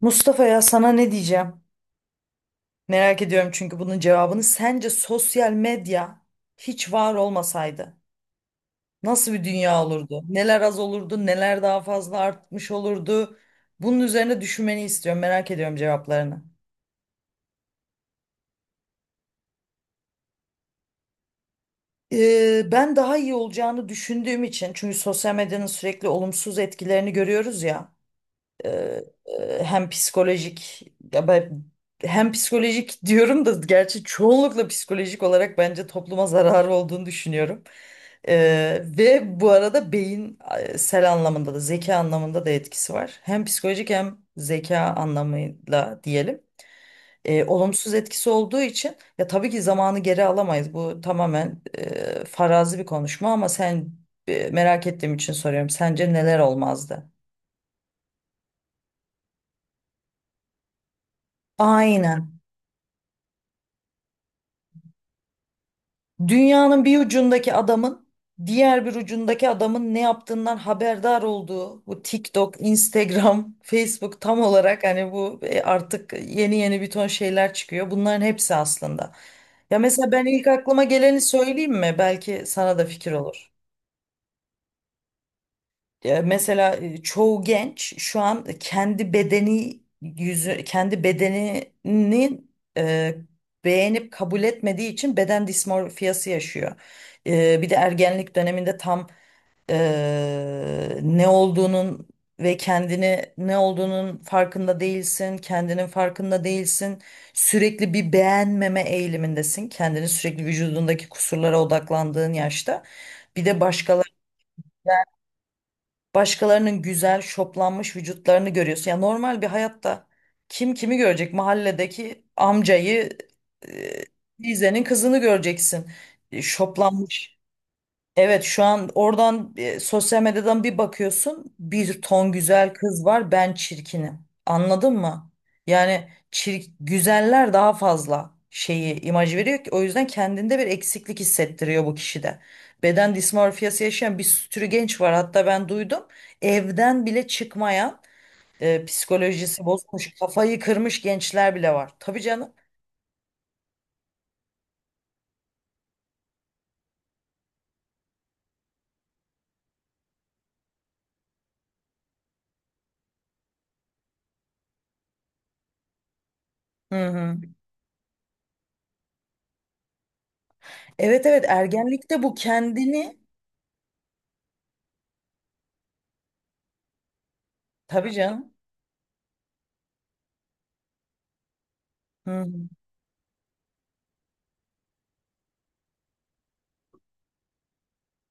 Mustafa ya sana ne diyeceğim? Merak ediyorum çünkü bunun cevabını. Sence sosyal medya hiç var olmasaydı nasıl bir dünya olurdu? Neler az olurdu, neler daha fazla artmış olurdu? Bunun üzerine düşünmeni istiyorum. Merak ediyorum cevaplarını. Ben daha iyi olacağını düşündüğüm için çünkü sosyal medyanın sürekli olumsuz etkilerini görüyoruz ya. Ee, e, hem psikolojik ya ben Hem psikolojik diyorum da gerçi çoğunlukla psikolojik olarak bence topluma zararı olduğunu düşünüyorum. Ve bu arada sel anlamında da zeka anlamında da etkisi var. Hem psikolojik hem zeka anlamıyla diyelim. Olumsuz etkisi olduğu için ya tabii ki zamanı geri alamayız. Bu tamamen farazi bir konuşma ama sen merak ettiğim için soruyorum. Sence neler olmazdı? Aynen. Dünyanın bir ucundaki adamın diğer bir ucundaki adamın ne yaptığından haberdar olduğu bu TikTok, Instagram, Facebook tam olarak hani bu artık yeni yeni bir ton şeyler çıkıyor. Bunların hepsi aslında. Ya mesela ben ilk aklıma geleni söyleyeyim mi? Belki sana da fikir olur. Mesela çoğu genç şu an kendi bedenini e, beğenip kabul etmediği için beden dismorfiyası yaşıyor. Bir de ergenlik döneminde tam ne olduğunun ve kendini ne olduğunun farkında değilsin, kendinin farkında değilsin. Sürekli bir beğenmeme eğilimindesin. Kendini sürekli vücudundaki kusurlara odaklandığın yaşta. Bir de başkaları Başkalarının güzel, şoplanmış vücutlarını görüyorsun. Ya normal bir hayatta kim kimi görecek? Mahalledeki amcayı, e, teyzenin kızını göreceksin. Şoplanmış. Evet, şu an oradan sosyal medyadan bir bakıyorsun, bir ton güzel kız var, ben çirkinim. Anladın mı? Yani güzeller daha fazla şeyi imaj veriyor ki o yüzden kendinde bir eksiklik hissettiriyor bu kişide. Beden dismorfiyası yaşayan bir sürü genç var, hatta ben duydum. Evden bile çıkmayan, psikolojisi bozulmuş, kafayı kırmış gençler bile var. Tabii canım. Hı hı. Evet, evet, ergenlikte bu kendini tabii canım. Hı hı.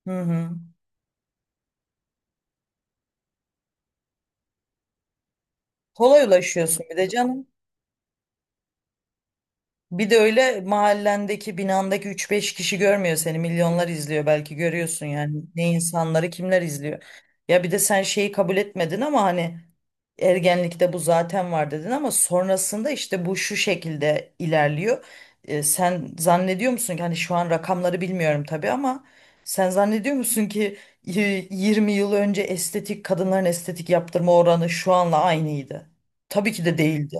Hı hı. Kolay ulaşıyorsun bir de canım. Bir de öyle mahallendeki binandaki üç beş kişi görmüyor seni. Milyonlar izliyor, belki görüyorsun yani. Ne insanları kimler izliyor. Ya bir de sen şeyi kabul etmedin ama hani ergenlikte bu zaten var dedin ama sonrasında işte bu şu şekilde ilerliyor. Sen zannediyor musun ki, hani şu an rakamları bilmiyorum tabii ama sen zannediyor musun ki e, 20 yıl önce estetik, kadınların estetik yaptırma oranı şu anla aynıydı? Tabii ki de değildi.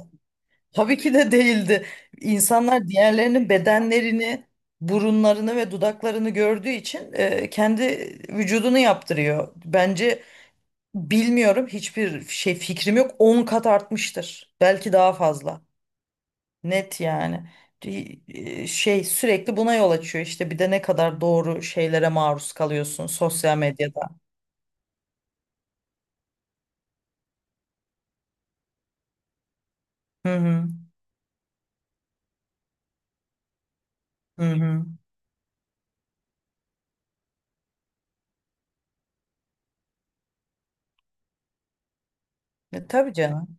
Tabii ki de değildi. İnsanlar diğerlerinin bedenlerini, burunlarını ve dudaklarını gördüğü için kendi vücudunu yaptırıyor. Bence, bilmiyorum, hiçbir şey fikrim yok, 10 kat artmıştır. Belki daha fazla. Net yani. Şey sürekli buna yol açıyor işte, bir de ne kadar doğru şeylere maruz kalıyorsun sosyal medyada. Hı hı. Hı hı. Tabii canım.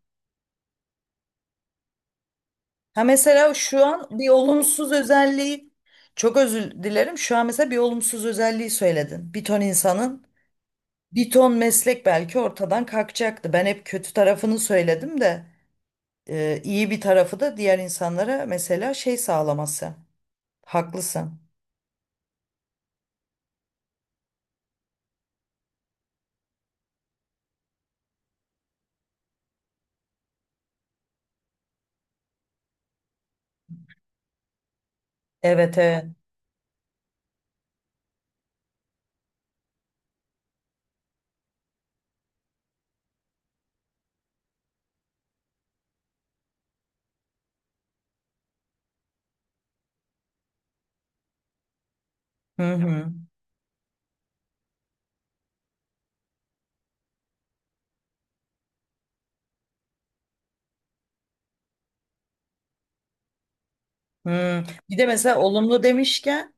Ha, mesela şu an bir olumsuz özelliği, çok özür dilerim, şu an mesela bir olumsuz özelliği söyledin. Bir ton insanın, bir ton meslek belki ortadan kalkacaktı. Ben hep kötü tarafını söyledim de iyi bir tarafı da diğer insanlara mesela şey sağlaması. Haklısın. Evet, evet. Hı hı. Hı. Bir de mesela olumlu demişken,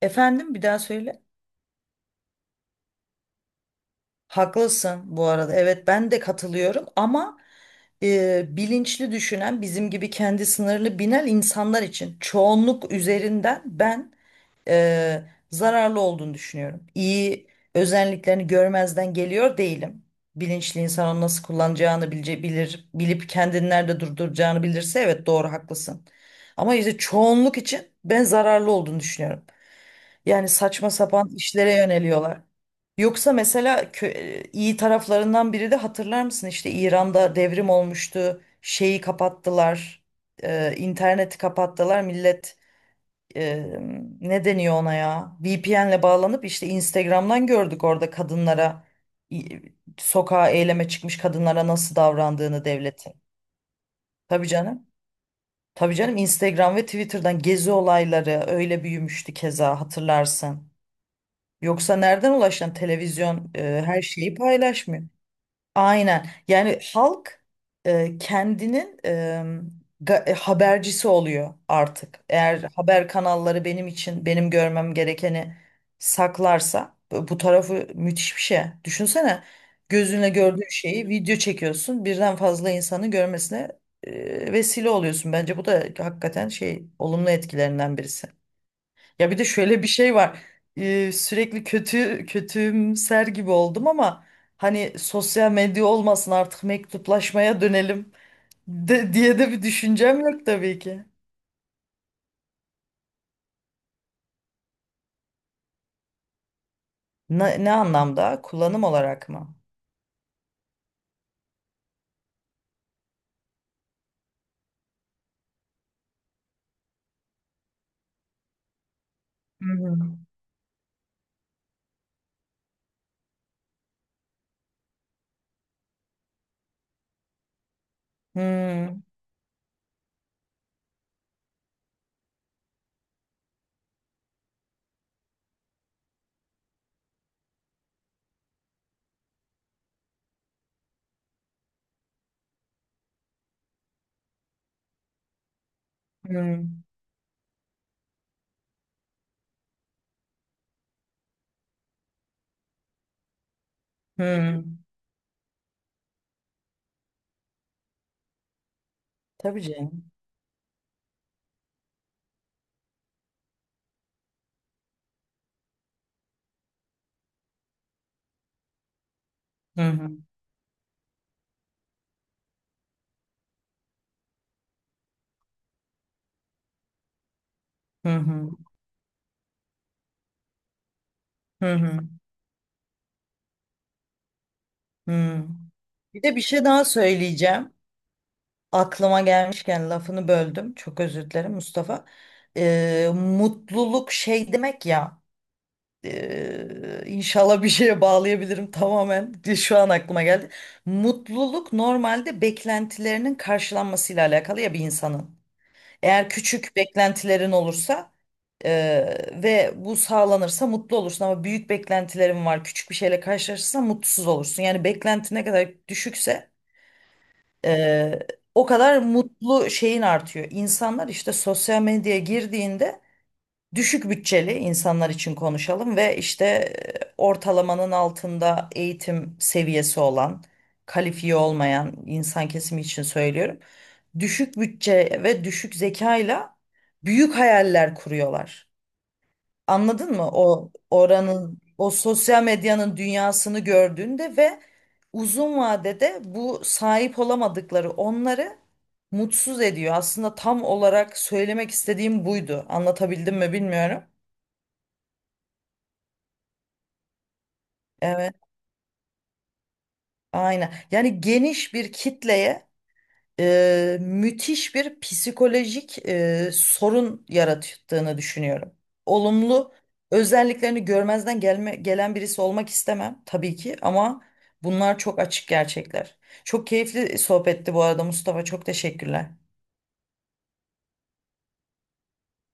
efendim bir daha söyle. Haklısın bu arada. Evet, ben de katılıyorum ama bilinçli düşünen bizim gibi kendi sınırlı bilen insanlar için, çoğunluk üzerinden ben e, zararlı olduğunu düşünüyorum. İyi özelliklerini görmezden geliyor değilim. Bilinçli insan onu nasıl kullanacağını bilip kendini nerede durduracağını bilirse, evet doğru, haklısın. Ama işte çoğunluk için ben zararlı olduğunu düşünüyorum. Yani saçma sapan işlere yöneliyorlar. Yoksa mesela, iyi taraflarından biri de, hatırlar mısın işte İran'da devrim olmuştu, şeyi kapattılar. İnterneti kapattılar. Millet e, ne deniyor ona ya? VPN'le bağlanıp işte Instagram'dan gördük orada kadınlara, sokağa eyleme çıkmış kadınlara nasıl davrandığını devletin. Tabii canım. Tabii canım, Instagram ve Twitter'dan gezi olayları öyle büyümüştü, keza hatırlarsın. Yoksa nereden ulaşan, televizyon her şeyi paylaşmıyor. Aynen. Yani halk kendinin habercisi oluyor artık. Eğer haber kanalları benim için, benim görmem gerekeni saklarsa, bu tarafı müthiş bir şey. Düşünsene, gözünle gördüğün şeyi video çekiyorsun, birden fazla insanı görmesine vesile oluyorsun. Bence bu da hakikaten şey, olumlu etkilerinden birisi. Ya bir de şöyle bir şey var. Sürekli kötümser gibi oldum ama hani sosyal medya olmasın, artık mektuplaşmaya dönelim de, diye de bir düşüncem yok tabii ki. Ne, ne anlamda? Kullanım olarak mı? Hı hı. Hı hı. Hı. Tabii canım. Hı hı. Hı hı. Hı hı. Hı. Bir de bir şey daha söyleyeceğim. Aklıma gelmişken lafını böldüm, çok özür dilerim Mustafa. Mutluluk şey demek ya. İnşallah bir şeye bağlayabilirim tamamen. Şu an aklıma geldi. Mutluluk normalde beklentilerinin karşılanmasıyla alakalı ya, bir insanın. Eğer küçük beklentilerin olursa ve bu sağlanırsa mutlu olursun ama büyük beklentilerin var, küçük bir şeyle karşılaşırsan mutsuz olursun. Yani beklenti ne kadar düşükse eee, o kadar mutlu şeyin artıyor. İnsanlar işte sosyal medyaya girdiğinde, düşük bütçeli insanlar için konuşalım, ve işte ortalamanın altında eğitim seviyesi olan, kalifiye olmayan insan kesimi için söylüyorum. Düşük bütçe ve düşük zekayla büyük hayaller kuruyorlar. Anladın mı? O oranın, o sosyal medyanın dünyasını gördüğünde ve uzun vadede bu sahip olamadıkları onları mutsuz ediyor. Aslında tam olarak söylemek istediğim buydu. Anlatabildim mi bilmiyorum. Evet, aynen. Yani geniş bir kitleye müthiş bir psikolojik sorun yarattığını düşünüyorum. Olumlu özelliklerini gelen birisi olmak istemem tabii ki ama bunlar çok açık gerçekler. Çok keyifli sohbetti bu arada Mustafa. Çok teşekkürler.